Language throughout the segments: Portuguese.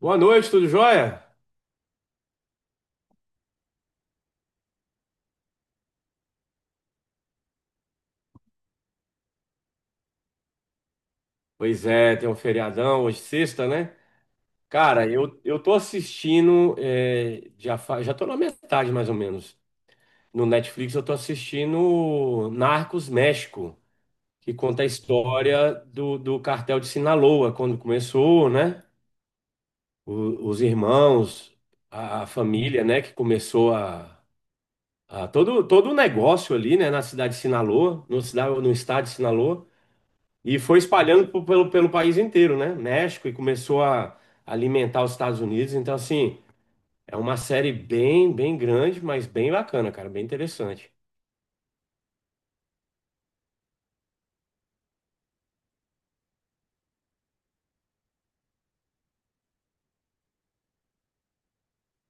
Boa noite, tudo jóia? Pois é, tem um feriadão hoje, sexta, né? Cara, eu tô assistindo, já tô na metade mais ou menos. No Netflix eu tô assistindo Narcos México, que conta a história do cartel de Sinaloa, quando começou, né? Os irmãos, a família, né, que começou a, todo o negócio ali, né, na cidade de Sinaloa, no estado de Sinaloa. E foi espalhando pelo país inteiro, né? México, e começou a alimentar os Estados Unidos. Então, assim, é uma série bem, bem grande, mas bem bacana, cara, bem interessante.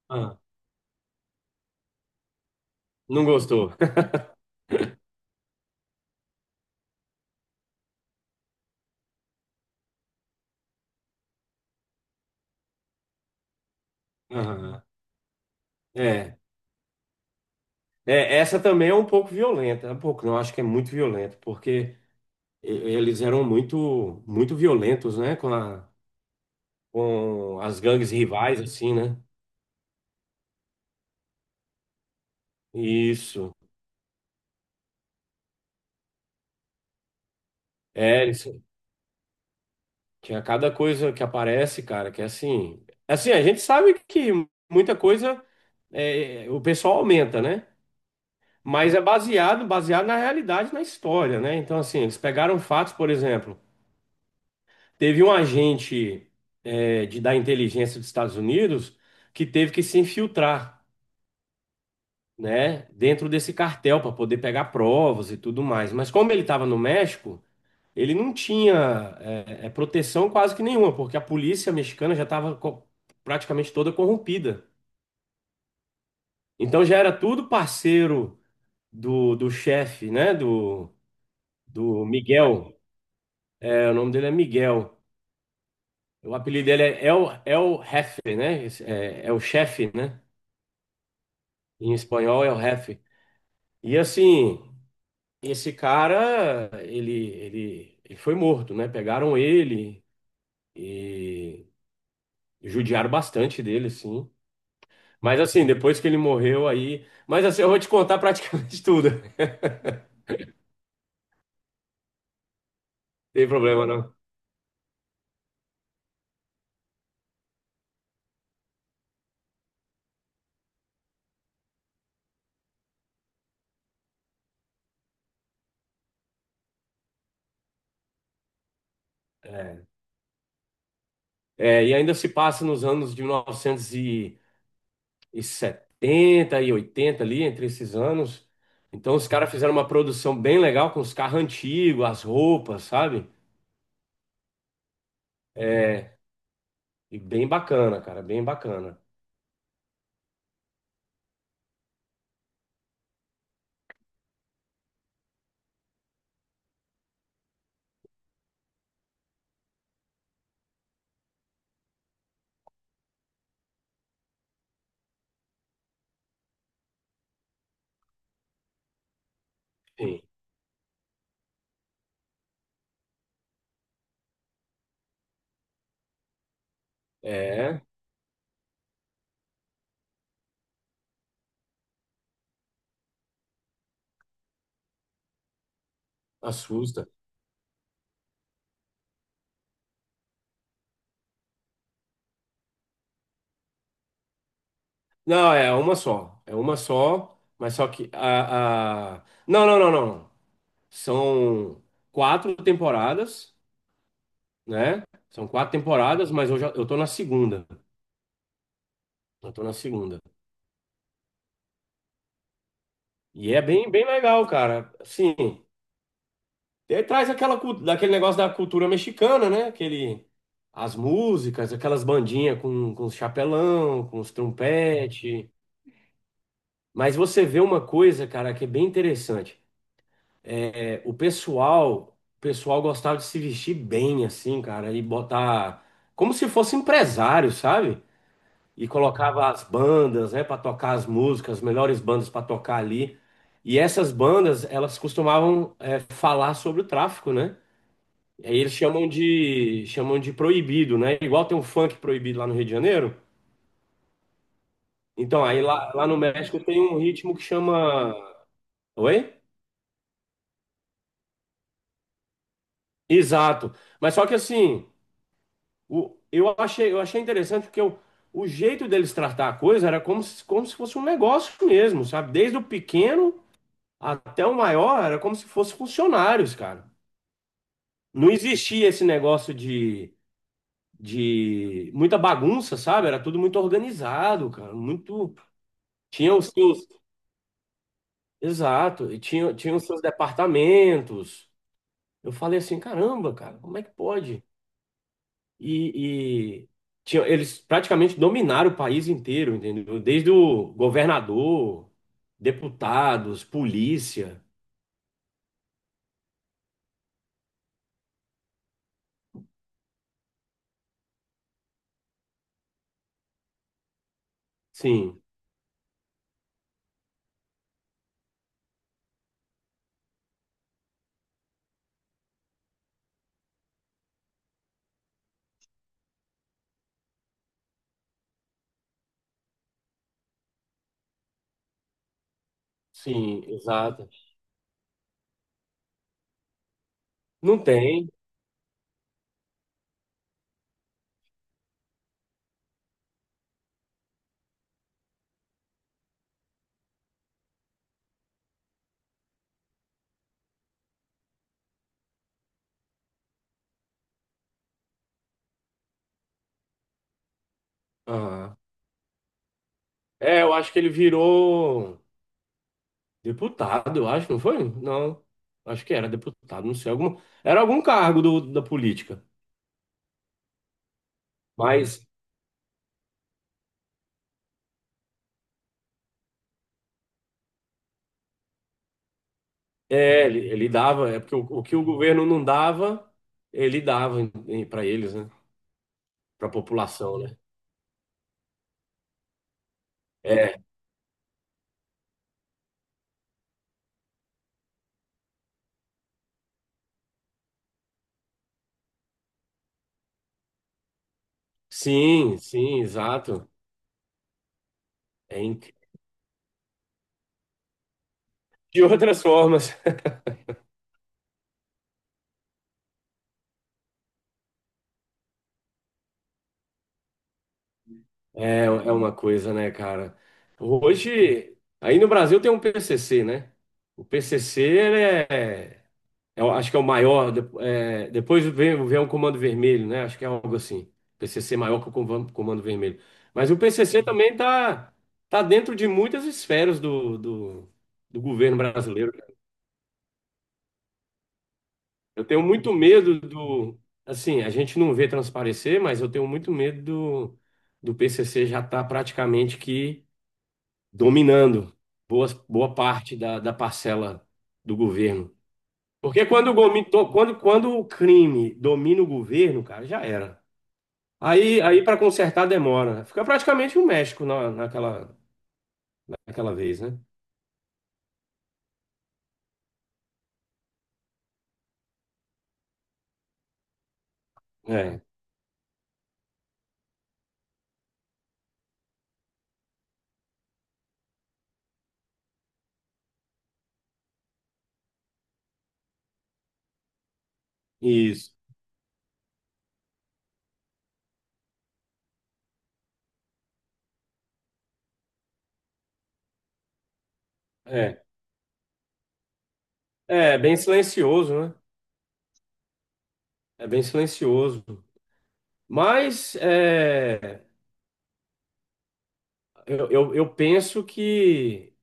Ah, não gostou? Aham. É. É, essa também é um pouco violenta, um pouco, não, acho que é muito violenta, porque eles eram muito, muito violentos, né, com as gangues rivais, assim, né? Isso. É, eles tinha cada coisa que aparece, cara, que é assim. Assim, a gente sabe que muita coisa é, o pessoal aumenta, né? Mas é baseado, baseado na realidade, na história, né? Então, assim, eles pegaram fatos, por exemplo, teve um agente é, da inteligência dos Estados Unidos que teve que se infiltrar, né, dentro desse cartel para poder pegar provas e tudo mais. Mas como ele estava no México, ele não tinha proteção quase que nenhuma, porque a polícia mexicana já estava praticamente toda corrompida. Então já era tudo parceiro do chefe, né? Do, do Miguel. É, o nome dele é Miguel. O apelido dele é El Jefe, né? É, é o chefe, né? Em espanhol é o jefe. E assim, esse cara, ele foi morto, né? Pegaram ele e judiaram bastante dele, assim. Mas assim, depois que ele morreu aí. Mas assim, eu vou te contar praticamente tudo. Não tem problema, não. É, e ainda se passa nos anos de 1970 e 1980 ali, entre esses anos. Então os caras fizeram uma produção bem legal com os carros antigos, as roupas, sabe? E bem bacana, cara, bem bacana. Sim. É, assusta. Não, é uma só. É uma só, mas só que a, não, não, não, não. São quatro temporadas, né? São quatro temporadas, mas eu já eu tô na segunda. Eu tô na segunda. E é bem, bem legal, cara. Assim, ele traz aquela, daquele negócio da cultura mexicana, né? Aquele, as músicas, aquelas bandinhas com os chapelão, com os trompete. Mas você vê uma coisa, cara, que é bem interessante. O pessoal gostava de se vestir bem, assim, cara, e botar como se fosse empresário, sabe? E colocava as bandas, né, para tocar as músicas, as melhores bandas para tocar ali. E essas bandas, elas costumavam é, falar sobre o tráfico, né? E aí eles chamam de proibido, né? Igual tem um funk proibido lá no Rio de Janeiro. Então, aí lá, lá no México tem um ritmo que chama. Oi? Exato. Mas só que assim, o, eu achei interessante porque eu, o jeito deles tratar a coisa era como se fosse um negócio mesmo, sabe? Desde o pequeno até o maior era como se fosse funcionários, cara. Não existia esse negócio de muita bagunça, sabe? Era tudo muito organizado, cara. Muito. Tinha os seus. Exato. E tinha, tinha os seus departamentos. Eu falei assim, caramba, cara, como é que pode? E tinha, eles praticamente dominaram o país inteiro, entendeu? Desde o governador, deputados, polícia. Sim, sim, exato. Não tem. Ah. É, eu acho que ele virou deputado, eu acho, não foi? Não, acho que era deputado, não sei, algum, era algum cargo da política. Mas é, ele dava, é porque o que o governo não dava, ele dava para eles, né? Para a população, né? É. Sim, sim, exato. É incrível. De outras formas. É, é uma coisa, né, cara? Hoje, aí no Brasil tem um PCC, né? O PCC, é acho que é o maior. É, depois vem o Comando Vermelho, né? Acho que é algo assim. PCC maior que o Comando Vermelho. Mas o PCC também tá tá dentro de muitas esferas do governo brasileiro. Eu tenho muito medo do. Assim, a gente não vê transparecer, mas eu tenho muito medo do PCC já estar praticamente que dominando boas, boa parte da parcela do governo. Porque quando o, gomi- to- quando, quando o crime domina o governo, cara, já era. Aí para consertar demora, né? Fica praticamente o México na, naquela, naquela vez, né? É, isso. É é bem silencioso, né? É bem silencioso. Mas é, eu penso que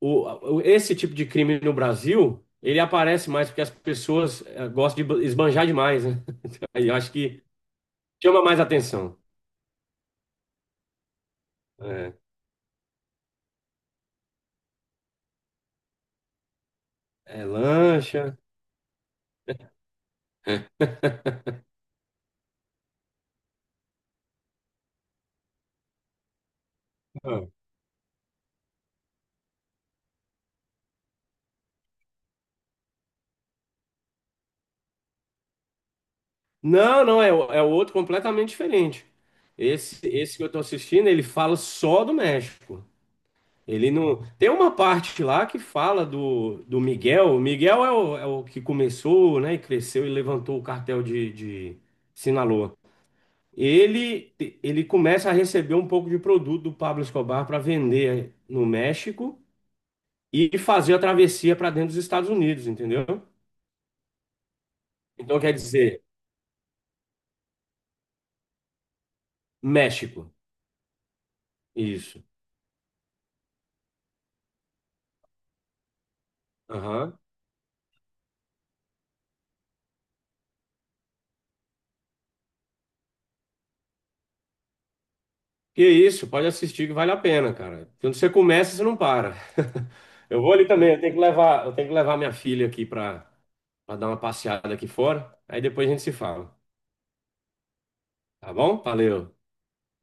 o, esse tipo de crime no Brasil, ele aparece mais porque as pessoas é, gostam de esbanjar demais, né? Aí eu acho que chama mais atenção. É, é lancha. Não, não, é, é outro completamente diferente. Esse que eu tô assistindo, ele fala só do México. Ele não. Tem uma parte lá que fala do Miguel. O Miguel é é o que começou, né, e cresceu e levantou o cartel de Sinaloa. Ele, ele começa a receber um pouco de produto do Pablo Escobar para vender no México e fazer a travessia para dentro dos Estados Unidos, entendeu? Então quer dizer, México. Isso. Aham. Que isso, pode assistir que vale a pena, cara. Quando você começa, você não para. Eu vou ali também, eu tenho que levar, eu tenho que levar minha filha aqui para dar uma passeada aqui fora. Aí depois a gente se fala, tá bom? Valeu.